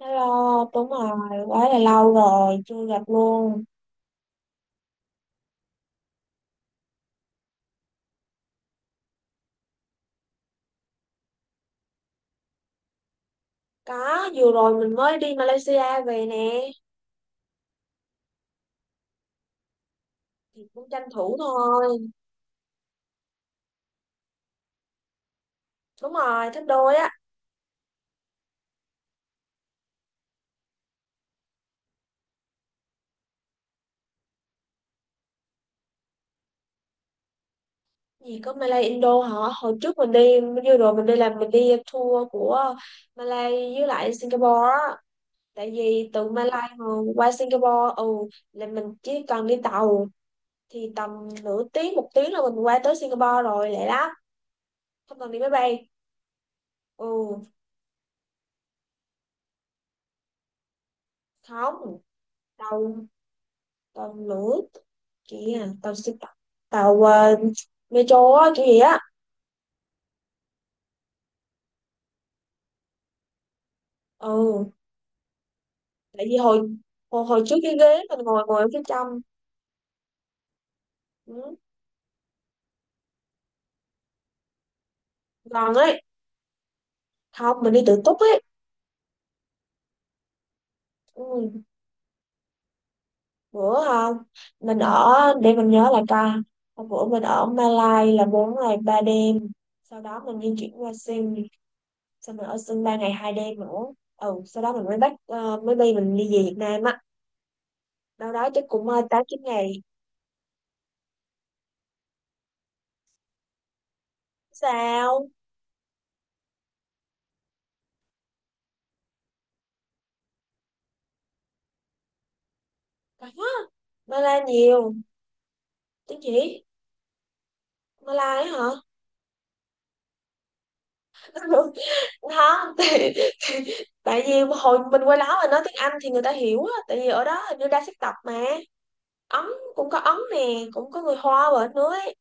Hello, đúng rồi, quá là lâu rồi, chưa gặp luôn. Có, vừa rồi mình mới đi Malaysia về nè, thì cũng tranh thủ thôi. Đúng rồi, thích đôi á. Gì có Malay Indo hả? Hồi trước mình đi, vừa rồi mình đi làm mình đi tour của Malay với lại Singapore á. Tại vì từ Malay mà qua Singapore, ừ, là mình chỉ cần đi tàu thì tầm nửa tiếng, một tiếng là mình qua tới Singapore rồi, lẹ lắm. Không cần đi máy bay. Ừ, không. Tàu, tàu lửa kìa, tàu xe, tàu metro á kiểu gì á. Ừ, tại vì hồi hồi, hồi trước cái ghế mình ngồi ngồi ở phía trong. Ừ, gần ấy, không, mình đi tự túc ấy. Ừ, bữa không, mình ở, để mình nhớ lại coi. Hôm bữa mình ở Malai là 4 ngày 3 đêm, sau đó mình di chuyển qua Sing, xong mình ở Sing 3 ngày 2 đêm nữa. Ừ, sau đó mình mới bay mình đi về Việt Nam á, đâu đó chắc cũng 8 9 ngày. Sao? Mala nhiều tiếng chỉ, Mala ấy hả? Không, thì, tại vì hồi mình qua đó mà nói tiếng Anh thì người ta hiểu á, tại vì ở đó hình như đa sắc tộc mà. Ấn, cũng có Ấn nè, cũng có người Hoa ở nữa ấy.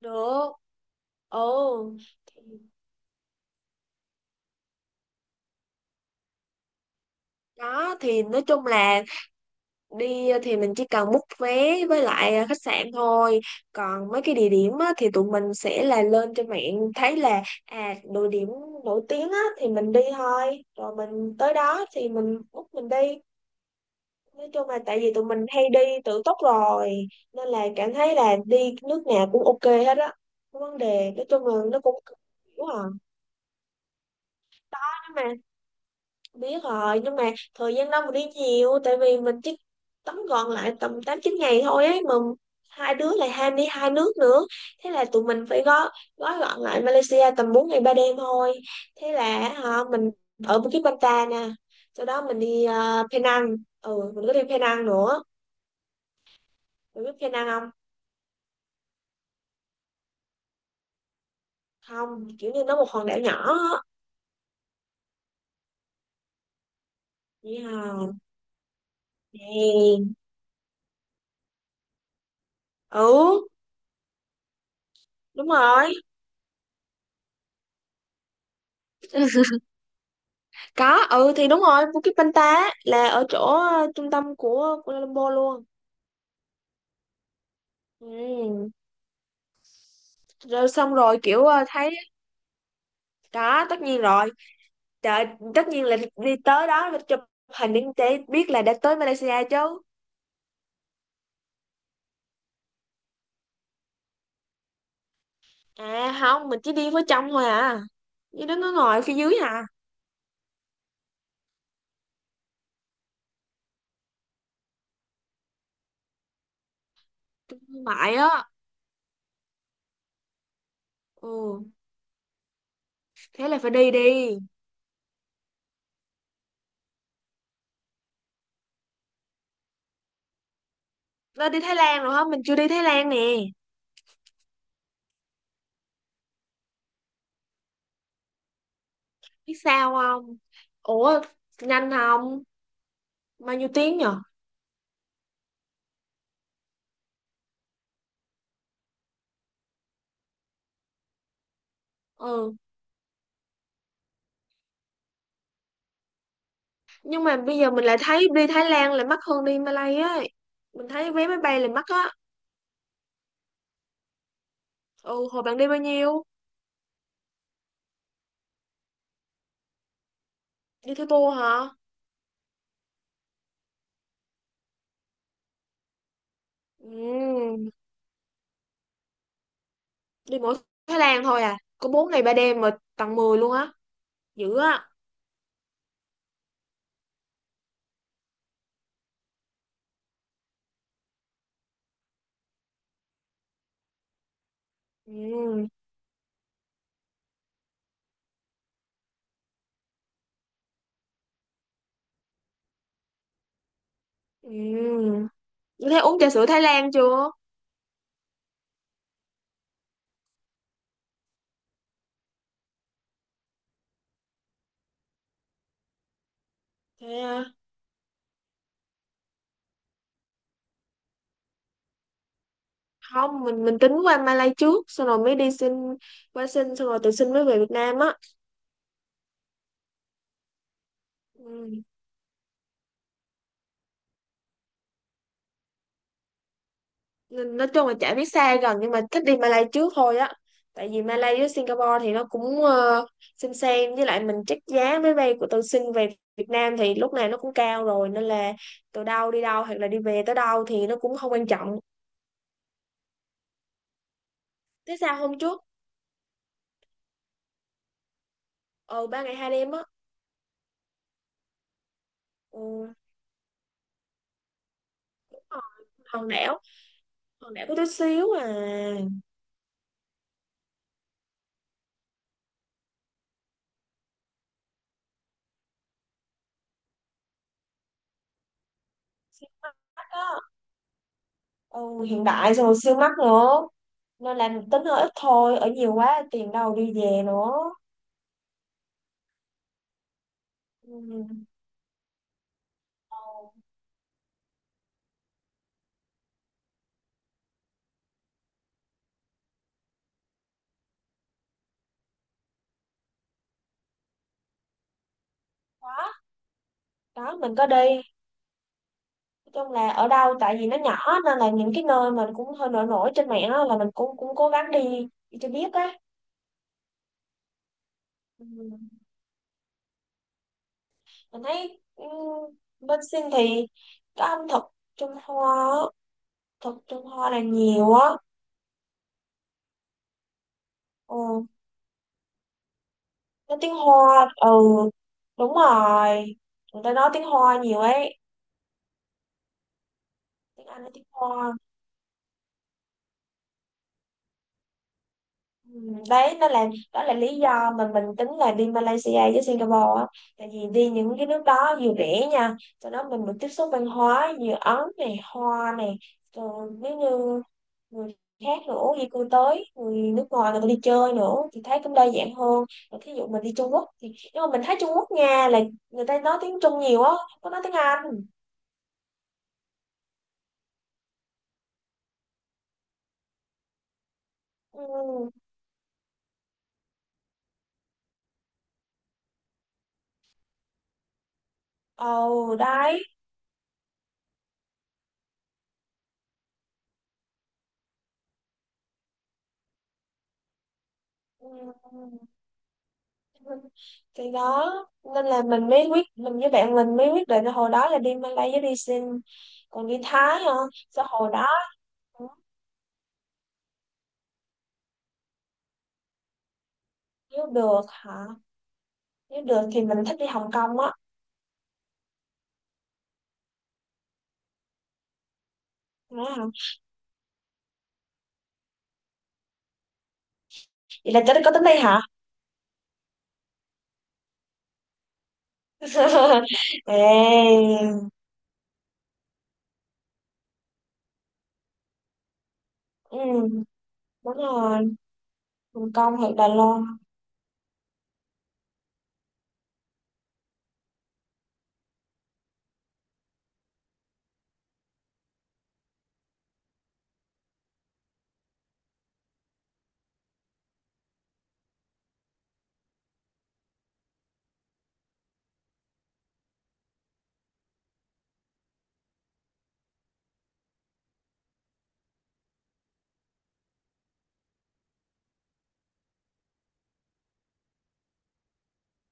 Được. Ồ, thì đó, thì nói chung là đi thì mình chỉ cần book vé với lại khách sạn thôi, còn mấy cái địa điểm á, thì tụi mình sẽ là lên trên mạng thấy là à, địa điểm nổi tiếng á, thì mình đi thôi, rồi mình tới đó thì mình book mình đi. Nói chung là tại vì tụi mình hay đi tự túc rồi nên là cảm thấy là đi nước nào cũng ok hết á. Không vấn đề, nói chung là nó cũng hiểu à. Biết rồi, nhưng mà thời gian đâu mà đi nhiều, tại vì mình chỉ tóm gọn lại tầm 8 9 ngày thôi ấy mà, hai đứa lại ham đi hai nước nữa, thế là tụi mình phải gói gói gọn lại Malaysia tầm 4 ngày 3 đêm thôi. Thế là họ mình ở Bukit Bintang nè, sau đó mình đi Penang, ừ, mình có đi Penang nữa. Mình biết Penang không? Không, kiểu như nó một hòn đảo nhỏ á. Vậy hả? Yeah. Ừ, đúng rồi. Có, ừ, thì đúng rồi, Bukit Banta á, là ở chỗ trung tâm của Kuala Lumpur luôn. Ừ, rồi xong rồi kiểu thấy. Đó, tất nhiên rồi. Trời, tất nhiên là đi tới đó phải chụp hình để biết là đã tới Malaysia chứ. À không, mình chỉ đi với trong thôi à, như đó nó ngồi phía dưới à. Trung thương mại á. Ừ, thế là phải đi đi. Nó đi Thái Lan rồi hả? Mình chưa đi Thái Lan nè. Biết sao không? Ủa, nhanh không? Bao nhiêu tiếng nhở? Ừ, nhưng mà bây giờ mình lại thấy đi Thái Lan lại mắc hơn đi Malay ấy, mình thấy vé máy bay lại mắc á. Ừ, hồi bạn đi bao nhiêu? Đi theo tour hả? Ừ, đi mỗi Thái Lan thôi à có 4 ngày 3 đêm mà tặng 10 luôn á, dữ á. Ừ, ừ. Như thế, uống trà sữa Thái Lan chưa? Thế à? Không, mình tính qua Malay trước, xong rồi mới đi xin, qua xin xong rồi tự xin mới về Việt Nam á. Ừ. Nên nói chung là chả biết xa gần nhưng mà thích đi Malay trước thôi á, tại vì Malay với Singapore thì nó cũng xem, với lại mình check giá máy bay của tôi xin về Việt Nam thì lúc này nó cũng cao rồi, nên là từ đâu đi đâu hoặc là đi về tới đâu thì nó cũng không quan trọng. Thế sao hôm trước? Ờ 3 ngày 2 đêm á. Ừ, đúng rồi. Hòn đảo, hòn đảo có tí xíu à. Siêu mắc á. Ừ, hiện đại xong rồi siêu mắc nữa, nên là tính hơi ít thôi, ở nhiều quá tiền đâu đi về nữa. Ừ. Ừ. Đó, đó mình có đi, nói chung là ở đâu tại vì nó nhỏ nên là những cái nơi mà cũng hơi nổi nổi trên mạng á, là mình cũng cũng cố gắng đi đi cho biết á. Ừ. Mình thấy bên Sinh thì có ẩm thực Trung Hoa á, thực Trung Hoa là nhiều á. Ừ, nói tiếng Hoa. Ừ, đúng rồi, người ta nói tiếng Hoa nhiều ấy, tiếng Anh, nói tiếng Hoa. Ừ, đấy nó là, đó là lý do mà mình tính là đi Malaysia với Singapore á, tại vì đi những cái nước đó vừa rẻ nha, cho đó mình được tiếp xúc văn hóa như Ấn này, Hoa này, rồi nếu như người khác nữa di cư tới, người nước ngoài người ta đi chơi nữa thì thấy cũng đa dạng hơn. Rồi thí dụ mình đi Trung Quốc thì, nhưng mà mình thấy Trung Quốc nha là người ta nói tiếng Trung nhiều á, không có nói tiếng Anh. Ừ. Ồ, đấy. Ừ, thì đó, nên là mình với bạn mình mới quyết định là hồi đó là đi Malay với đi Sin, còn đi Thái hả, sao hồi đó. Nếu được hả? Nếu được thì mình thích đi Hồng Kông á. Nói hả? Vậy là tới có tính đi hả? Ê, ừ, đúng rồi. Hồng Kông hoặc Đài Loan.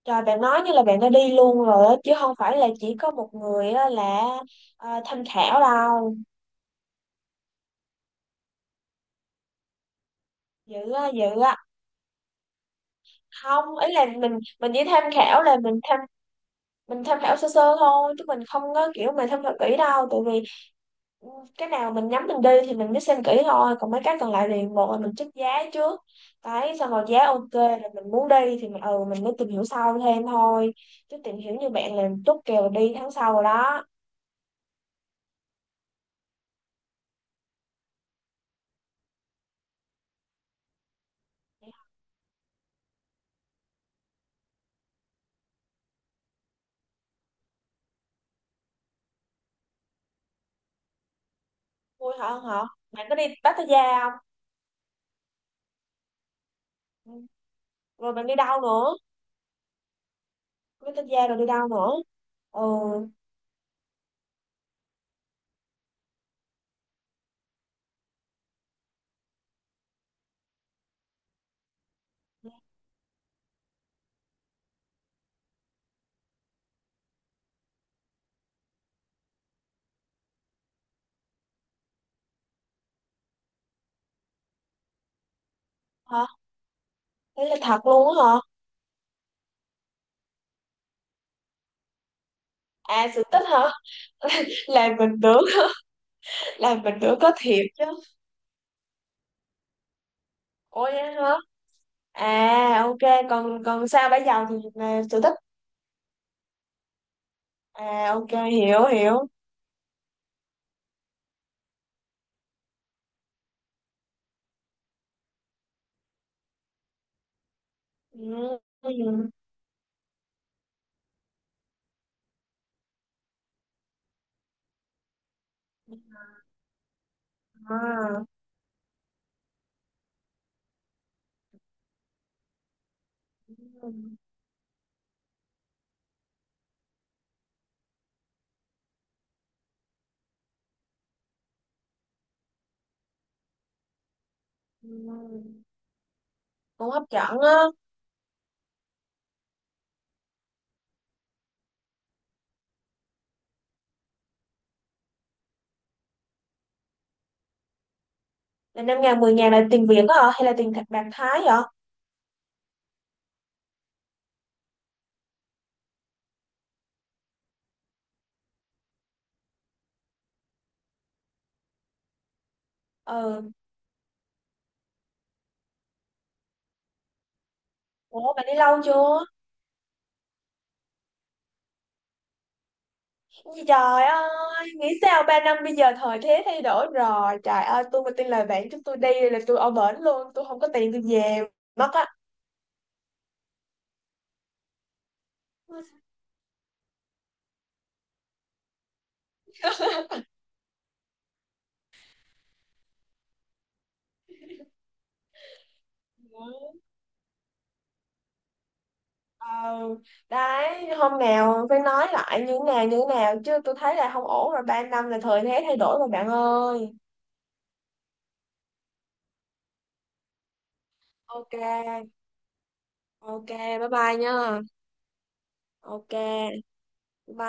Trời, bạn nói như là bạn đã đi luôn rồi á, chứ không phải là chỉ có một người á là tham khảo đâu, dữ á, dữ á. Không, ý là mình chỉ tham khảo, là mình tham khảo sơ sơ thôi chứ mình không có kiểu mà tham khảo kỹ đâu, tại vì ừ, cái nào mình nhắm mình đi thì mình mới xem kỹ thôi, còn mấy cái còn lại thì một là mình check giá trước, đấy xong rồi giá ok rồi mình muốn đi thì mình mới tìm hiểu sau thêm thôi, chứ tìm hiểu như bạn là chốt kèo đi tháng sau rồi đó. Vui hả, không hả? Bạn có đi Pattaya không? Ừ. Rồi bạn đi đâu nữa? Pattaya rồi đi đâu nữa? Ừ. Hả? Đấy là thật luôn á hả? À, sự tích hả? Làm mình tưởng. Làm mình tưởng có thiệt chứ. Ủa vậy hả? À ok, còn còn sao bây giờ thì là sở thích. À ok, hiểu hiểu. Ừ. Ừ. À. Ừ. Ừ. Cũng hấp dẫn á. Là 5 ngàn, 10 ngàn là tiền Việt á hả? Hay là tiền thật bạc Thái vậy? Ừ. Ủa bạn đi lâu chưa? Ôi Trời ơi, nghĩ sao 3 năm bây giờ thời thế thay đổi rồi. Trời ơi, tôi mà tin lời bạn chúng tôi đi là tôi ở bển luôn. Tôi không có tiền tôi về mất á. Ừ. Ờ, đấy hôm nào phải nói lại như nào chứ tôi thấy là không ổn rồi, 3 năm là thời thế thay đổi rồi bạn ơi. Ok, ok. Bye bye nha. Ok. Bye.